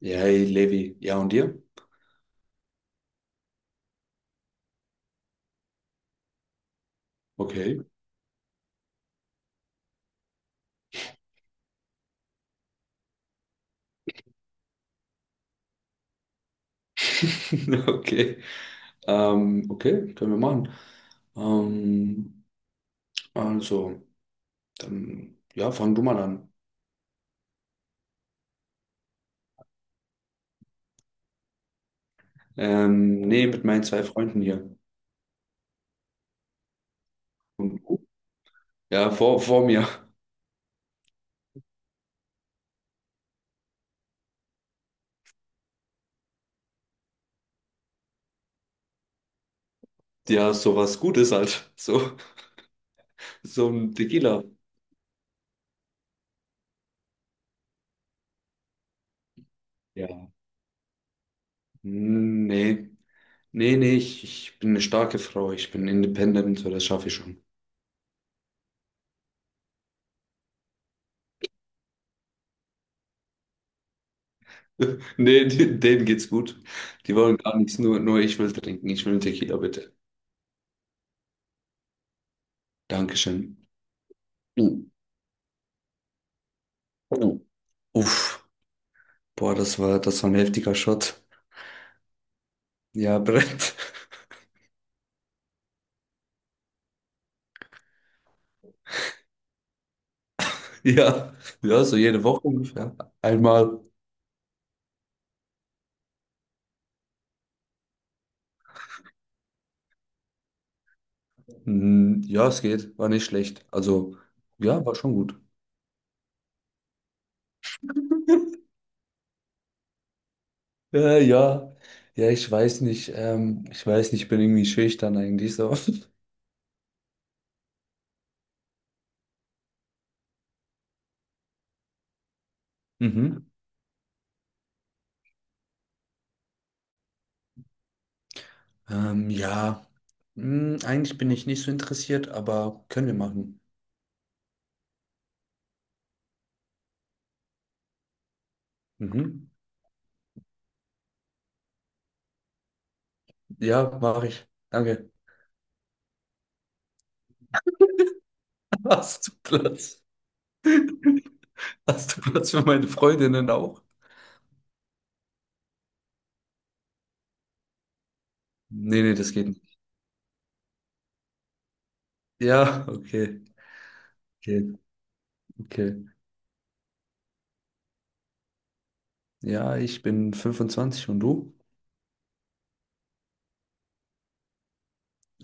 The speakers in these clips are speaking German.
Ja, hey, Levi. Ja, und dir? Okay. Okay. Okay, können wir machen. Ähm, also, dann, ja, fang du mal an. Nee, mit meinen zwei Freunden hier. Und, ja, vor mir. Ja, sowas Gutes halt. So, so ein Tequila. Ja. Nee. Nee, nee, ich bin eine starke Frau. Ich bin independent, so das schaffe ich schon. Nee, denen geht's gut. Die wollen gar nichts, nur ich will trinken. Ich will einen Tequila, bitte. Dankeschön. Uff, boah, das war ein heftiger Shot. Ja, Brett. Ja, ja, so jede Woche ungefähr. Einmal. Hm, ja, es geht. War nicht schlecht. Also, ja, war schon gut. Ja, ja. Ja, ich weiß nicht. Ich weiß nicht, ich bin irgendwie schüchtern eigentlich so. Mhm. Ja. Hm, eigentlich bin ich nicht so interessiert, aber können wir machen. Mhm. Ja, mache ich. Danke. Hast du Platz? Hast du Platz für meine Freundinnen auch? Nee, nee, das geht nicht. Ja, okay. Okay, okay. Ja, ich bin 25 und du?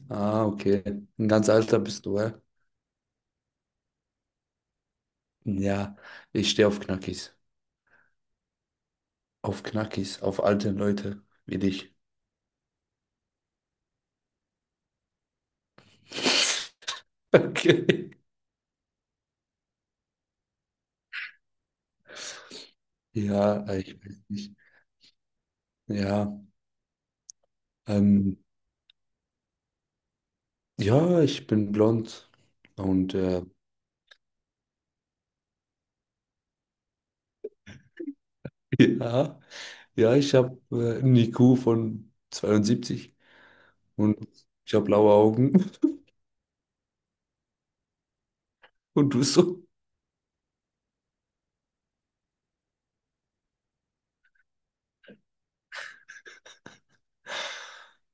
Ah, okay. Ein ganz alter bist du, hä? Ja, ich stehe auf Knackis. Auf Knackis, auf alte Leute wie dich. Okay. Ja, ich weiß nicht. Ja, ähm, ja, ich bin blond und ja, ja, ich habe einen IQ von 72 und ich habe blaue Augen. Und du bist so,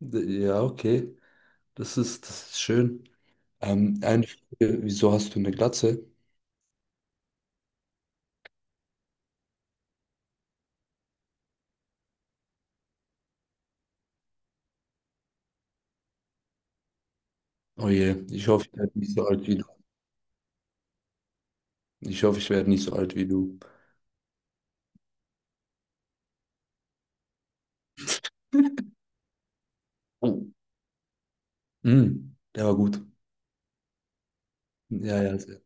ja, okay, das ist schön. Eine Frage, wieso hast du eine Glatze? Oh je, ich hoffe, ich werde nicht so alt wie du. Ich hoffe, ich werde nicht so alt wie du. Oh. Mm, der war gut. Ja, ja, sehr.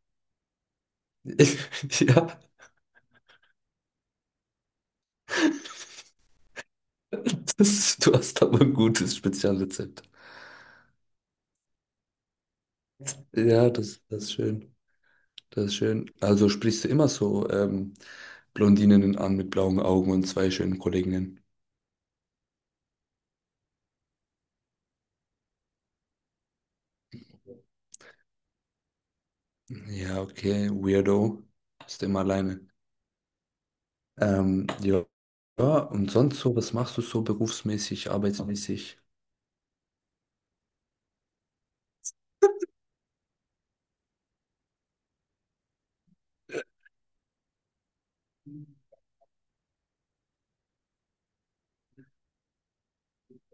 Ja, das, du hast aber ein gutes Spezialrezept. Ja, das ist schön. Das ist schön. Also sprichst du immer so Blondinen an mit blauen Augen und zwei schönen Kolleginnen. Ja, okay, Weirdo. Bist immer alleine. Ja, und sonst so, was machst du so berufsmäßig, arbeitsmäßig?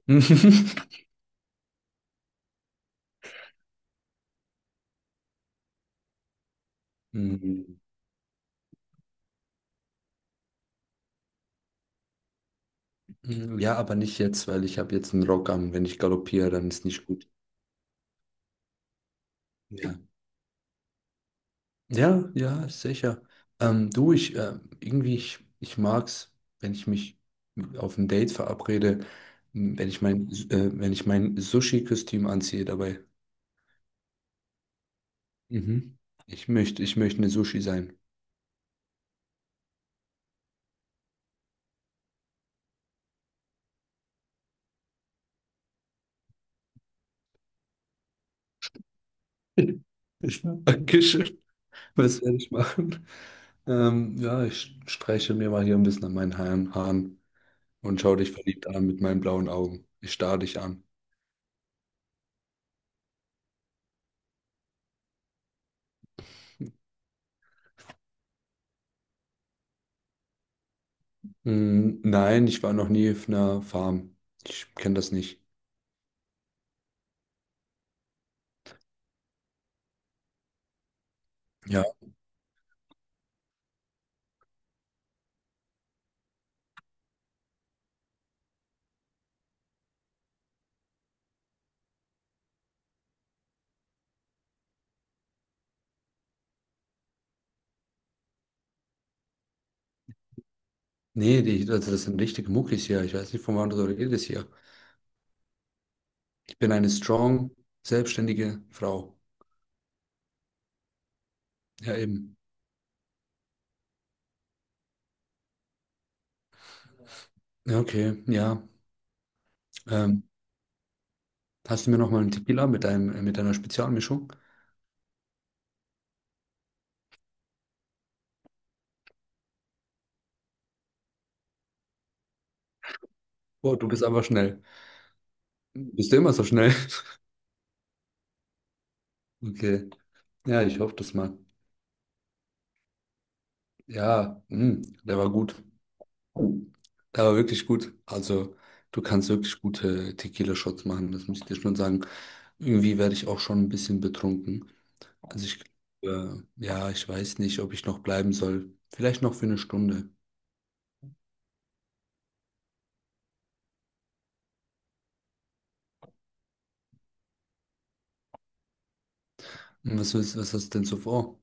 Mhm. Ja, aber nicht jetzt, weil ich habe jetzt einen Rock an. Wenn ich galoppiere, dann ist nicht gut. Ja, ja, ja, sicher. Du, ich irgendwie, ich mag's, wenn ich mich auf ein Date verabrede, m, wenn ich mein Sushi-Kostüm anziehe dabei. Mhm. Ich möchte eine Sushi sein. Dankeschön. Was werde ich machen? Ja, ich streiche mir mal hier ein bisschen an meinen Haaren und schaue dich verliebt an mit meinen blauen Augen. Ich starre dich an. Mm, nein, ich war noch nie auf einer Farm. Ich kenne das nicht. Ja, nee, also das sind richtige Muckis hier. Ich weiß nicht, von wann du redest hier. Ich bin eine strong, selbstständige Frau. Ja, eben. Ja, okay, ja. Ähm, hast du mir noch mal einen Tequila mit mit deiner Spezialmischung? Oh, du bist aber schnell. Bist du immer so schnell? Okay. Ja, ich hoffe das mal. Ja, mh, der war gut. Der war wirklich gut. Also, du kannst wirklich gute Tequila-Shots machen, das muss ich dir schon sagen. Irgendwie werde ich auch schon ein bisschen betrunken. Also, ja, ich weiß nicht, ob ich noch bleiben soll. Vielleicht noch für eine Stunde. Und was was hast du denn so vor?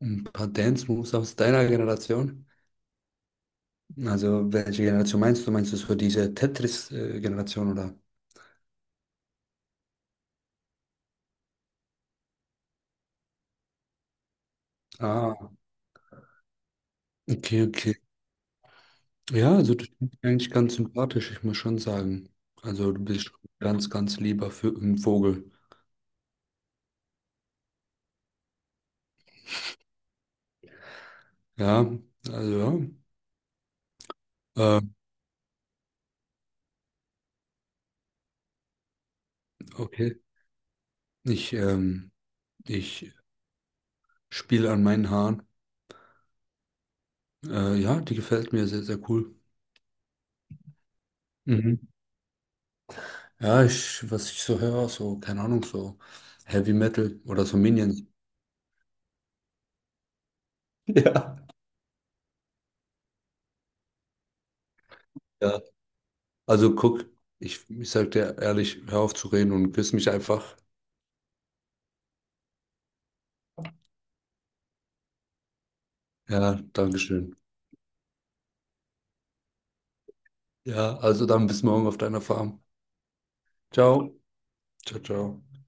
Ein paar Dance-Moves aus deiner Generation? Also, welche Generation meinst du? Meinst du so diese Tetris-Generation oder? Ah, okay, okay. Ja, also du klingst eigentlich ganz sympathisch, ich muss schon sagen. Also du bist schon ein ganz, ganz lieber für ein Vogel. Ja, also ja. Okay. Ich, ähm, ich spiele an meinen Haaren. Ja, die gefällt mir sehr, sehr cool. Mhm. Ja, ich, was ich so höre, so, keine Ahnung, so Heavy Metal oder so Minions. Ja. Ja. Also guck, ich sag dir ehrlich, hör auf zu reden und küss mich einfach. Ja, Dankeschön. Ja, also dann bis morgen auf deiner Farm. Ciao. Ciao, ciao.